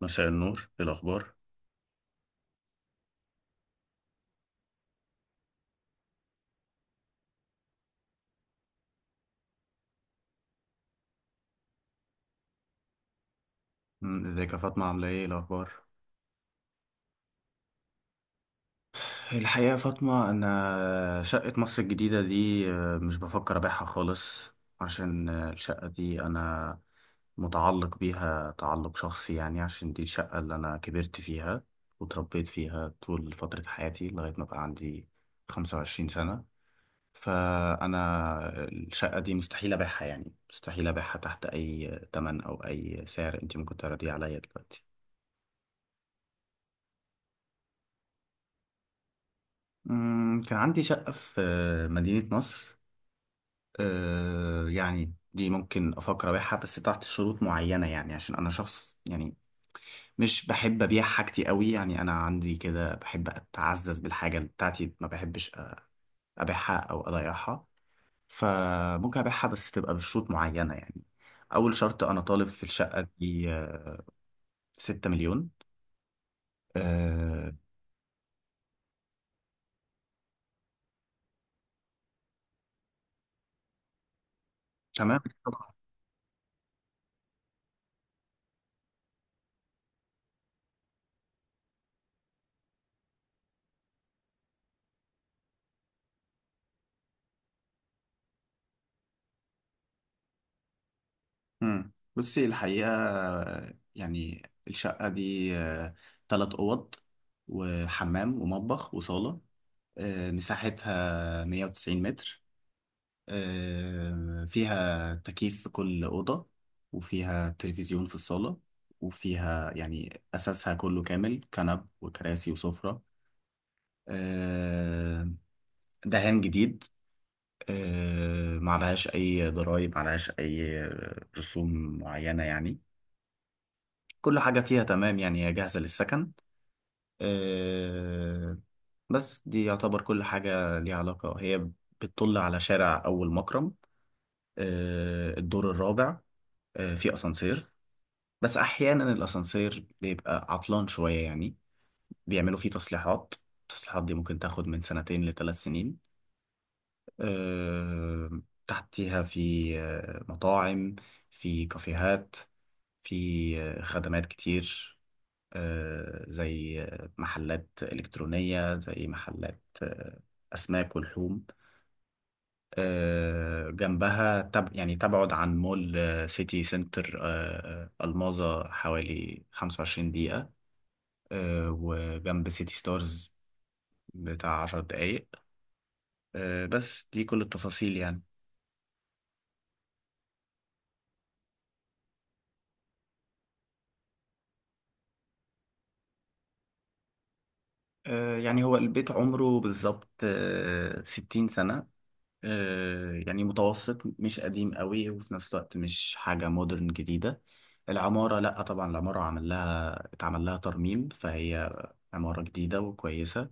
مساء النور. ايه الاخبار؟ ازيك يا فاطمة، عاملة ايه؟ إيه الأخبار؟ الحقيقة يا فاطمة، أنا شقة مصر الجديدة دي مش بفكر أبيعها خالص. عشان الشقة دي أنا متعلق بيها تعلق شخصي، يعني عشان دي الشقة اللي أنا كبرت فيها وتربيت فيها طول فترة حياتي لغاية ما بقى عندي 25 سنة. فأنا الشقة دي مستحيل أبيعها، يعني مستحيل أبيعها تحت أي تمن أو أي سعر أنت ممكن تعرضيه عليا دلوقتي. كان عندي شقة في مدينة نصر. يعني دي ممكن أفكر أبيعها بس تحت شروط معينة، يعني عشان أنا شخص يعني مش بحب أبيع حاجتي قوي، يعني أنا عندي كده بحب أتعزز بالحاجة بتاعتي، ما بحبش أبيعها أو أضيعها. فممكن أبيعها بس تبقى بشروط معينة، يعني أول شرط أنا طالب في الشقة دي 6 مليون. أه، تمام. بصي، الحقيقة يعني الشقة دي تلات أوض وحمام ومطبخ وصالة. مساحتها 190 متر. فيها تكييف في كل أوضة، وفيها تلفزيون في الصالة. وفيها يعني أساسها كله كامل، كنب وكراسي وسفرة. آه، دهان جديد. معلهاش أي ضرايب، معلهاش أي رسوم معينة يعني. كل حاجة فيها تمام، يعني هي جاهزة للسكن. آه، بس دي يعتبر كل حاجة ليها علاقة. هي بتطل على شارع أول مكرم. الدور الرابع. في أسانسير، بس أحيانا الأسانسير بيبقى عطلان شوية، يعني بيعملوا فيه تصليحات. التصليحات دي ممكن تاخد من سنتين لثلاث سنين. آه، تحتيها في مطاعم، في كافيهات، في خدمات كتير. زي محلات إلكترونية، زي محلات أسماك ولحوم. جنبها يعني تبعد عن مول سيتي سنتر الماظة حوالي 25 دقيقة. وجنب سيتي ستارز بتاع 10 دقايق. بس دي كل التفاصيل يعني. يعني هو البيت عمره بالظبط 60 سنة. يعني متوسط مش قديم قوي، وفي نفس الوقت مش حاجة مودرن جديدة. العمارة لأ طبعا، العمارة عمل لها اتعمل لها ترميم فهي عمارة جديدة وكويسة.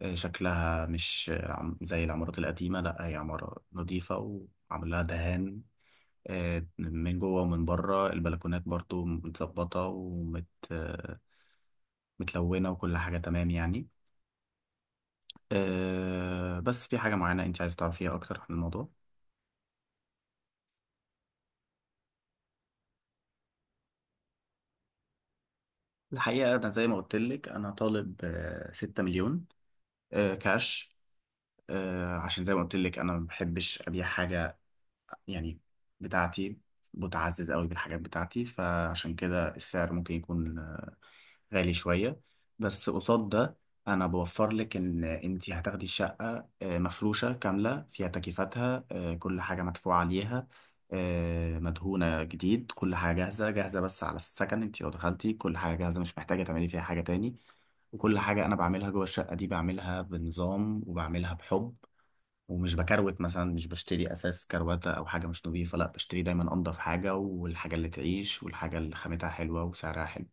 شكلها مش زي العمارات القديمة. لأ هي عمارة نظيفة، وعمل لها دهان من جوه ومن بره. البلكونات برضو متظبطة، آه، متلونة، وكل حاجة تمام يعني. بس في حاجة معينة أنت عايز تعرفيها أكتر عن الموضوع؟ الحقيقة أنا زي ما قلت لك، أنا طالب 6 مليون كاش، عشان زي ما قلت لك أنا ما بحبش أبيع حاجة يعني بتاعتي، بتعزز قوي بالحاجات بتاعتي، فعشان كده السعر ممكن يكون غالي شوية. بس قصاد ده، أنا بوفر لك إن أنت هتاخدي الشقة مفروشة كاملة، فيها تكييفاتها، كل حاجة مدفوعة عليها. مدهونة جديد، كل حاجة جاهزة جاهزة بس على السكن. أنت لو دخلتي، كل حاجة جاهزة، مش محتاجة تعملي فيها حاجة تاني. وكل حاجة أنا بعملها جوه الشقة دي بعملها بنظام وبعملها بحب، ومش بكروت مثلا. مش بشتري أساس كروتة أو حاجة مش نظيفة، لأ بشتري دايما أنضف حاجة، والحاجة اللي تعيش، والحاجة اللي خامتها حلوة وسعرها حلو.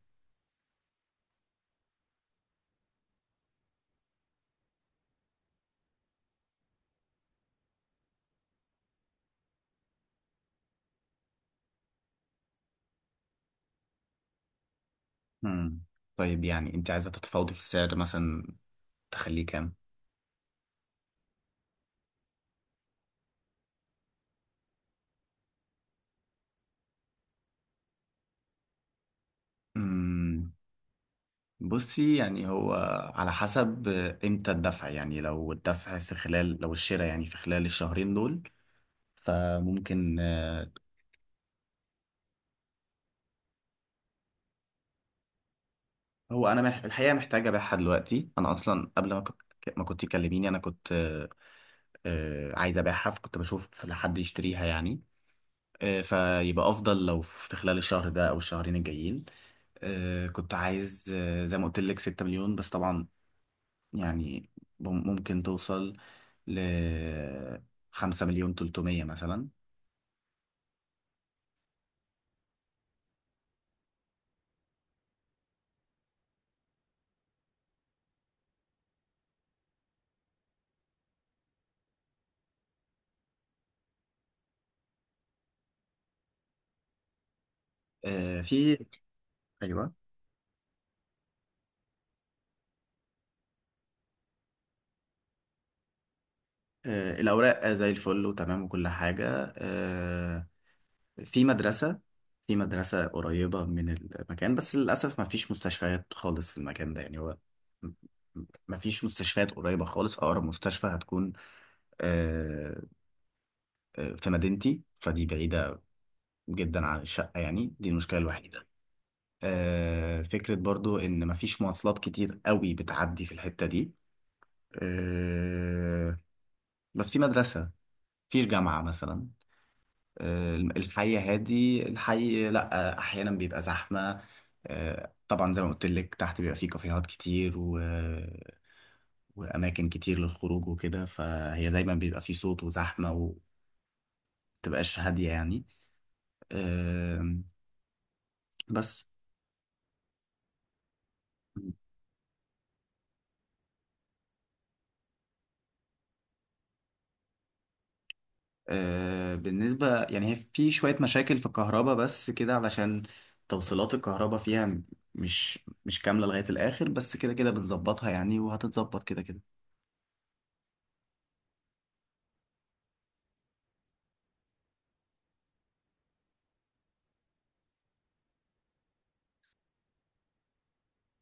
مم. طيب، يعني انت عايزة تتفاوضي في السعر مثلا؟ تخليه كام؟ مم. بصي، يعني هو على حسب امتى الدفع، يعني لو الشراء يعني في خلال الشهرين دول، فممكن هو انا الحقيقة محتاجة ابيعها دلوقتي. انا اصلا قبل ما كنت تكلميني انا كنت عايز ابيعها، فكنت بشوف لحد يشتريها يعني. فيبقى افضل لو في خلال الشهر ده او الشهرين الجايين. كنت عايز زي ما قلت لك 6 مليون، بس طبعا يعني ممكن توصل ل 5 مليون 300 مثلا. في. ايوه. الاوراق زي الفل وتمام وكل حاجه. في مدرسه في مدرسه قريبه من المكان، بس للاسف ما فيش مستشفيات خالص في المكان ده يعني. هو م- ما فيش مستشفيات قريبه خالص. اقرب مستشفى هتكون آه، في مدينتي، فدي بعيده جدا عن الشقة. يعني دي المشكلة الوحيدة. فكرة برضو إن مفيش مواصلات كتير قوي بتعدي في الحتة دي. آه، بس في مدرسة، مفيش جامعة مثلا. الحي لأ، أحيانا بيبقى زحمة. طبعا، زي ما قلت لك تحت بيبقى فيه كافيهات كتير وأماكن كتير للخروج وكده، فهي دايما بيبقى فيه صوت وزحمة، ومتبقاش هادية يعني. آه، بس. بالنسبة، يعني هي في شوية مشاكل في الكهرباء بس كده، علشان توصيلات الكهرباء فيها مش مش كاملة لغاية الآخر، بس كده كده بنظبطها يعني، وهتتظبط كده كده.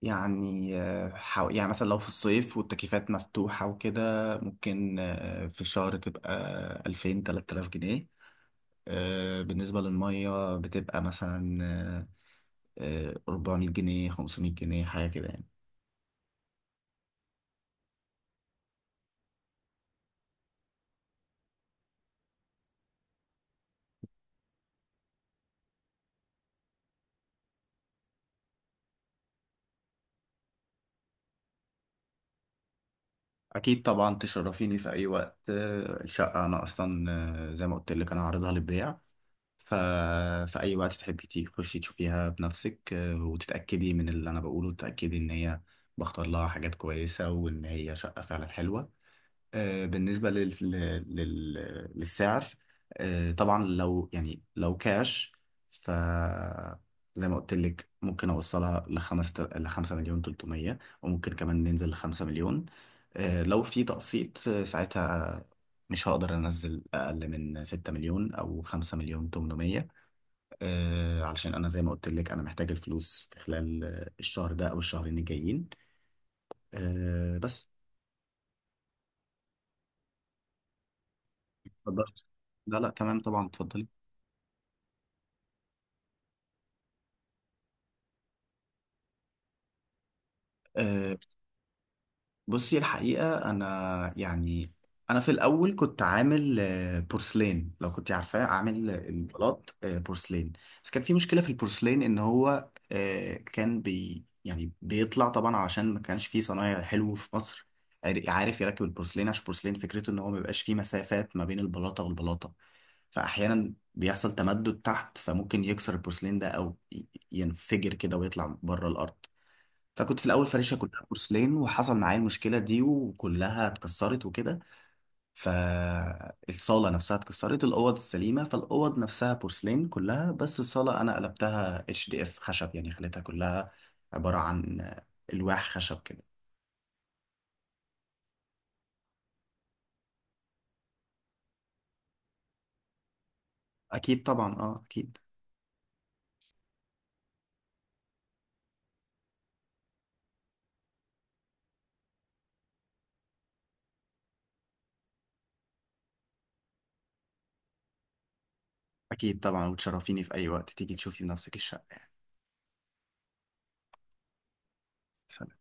يعني يعني مثلا لو في الصيف والتكييفات مفتوحة وكده، ممكن في الشهر تبقى 2000 3000 جنيه. بالنسبة للمية بتبقى مثلا 400 جنيه، 500 جنيه، حاجة كده يعني. اكيد طبعا، تشرفيني في اي وقت. الشقه انا اصلا زي ما قلت لك انا عارضها للبيع، ف في اي وقت تحبي تخشي تشوفيها بنفسك، وتتاكدي من اللي انا بقوله، وتتاكدي ان هي بختار لها حاجات كويسه، وان هي شقه فعلا حلوه. بالنسبة للسعر، طبعا لو لو كاش، ف زي ما قلت لك، ممكن اوصلها لخمسة مليون تلتمية، وممكن كمان ننزل لخمسة مليون. لو في تقسيط، ساعتها مش هقدر انزل اقل من 6 مليون او 5 مليون 800. علشان انا زي ما قلت لك، انا محتاج الفلوس في خلال الشهر ده او الشهرين الجايين. بس. اتفضلي. لا لا، تمام طبعا، اتفضلي. آه، بصي، الحقيقة أنا يعني أنا في الأول كنت عامل بورسلين، لو كنت عارفاه، عامل البلاط بورسلين. بس كان في مشكلة في البورسلين إن هو كان بي يعني بيطلع طبعا، علشان ما كانش فيه صنايع حلو في مصر عارف يركب البورسلين. عشان البورسلين فكرته إن هو ما بيبقاش فيه مسافات ما بين البلاطة والبلاطة، فأحيانا بيحصل تمدد تحت، فممكن يكسر البورسلين ده أو ينفجر كده ويطلع بره الأرض. فكنت في الاول فارشها كلها بورسلين، وحصل معايا المشكله دي، وكلها اتكسرت وكده. فالصاله نفسها اتكسرت، الاوض السليمه، فالاوض نفسها بورسلين كلها، بس الصاله انا قلبتها HDF خشب، يعني خليتها كلها عباره عن الواح خشب كده. اكيد طبعا، اه اكيد. اكيد طبعا، وتشرفيني في اي وقت تيجي تشوفي بنفسك الشقه يعني.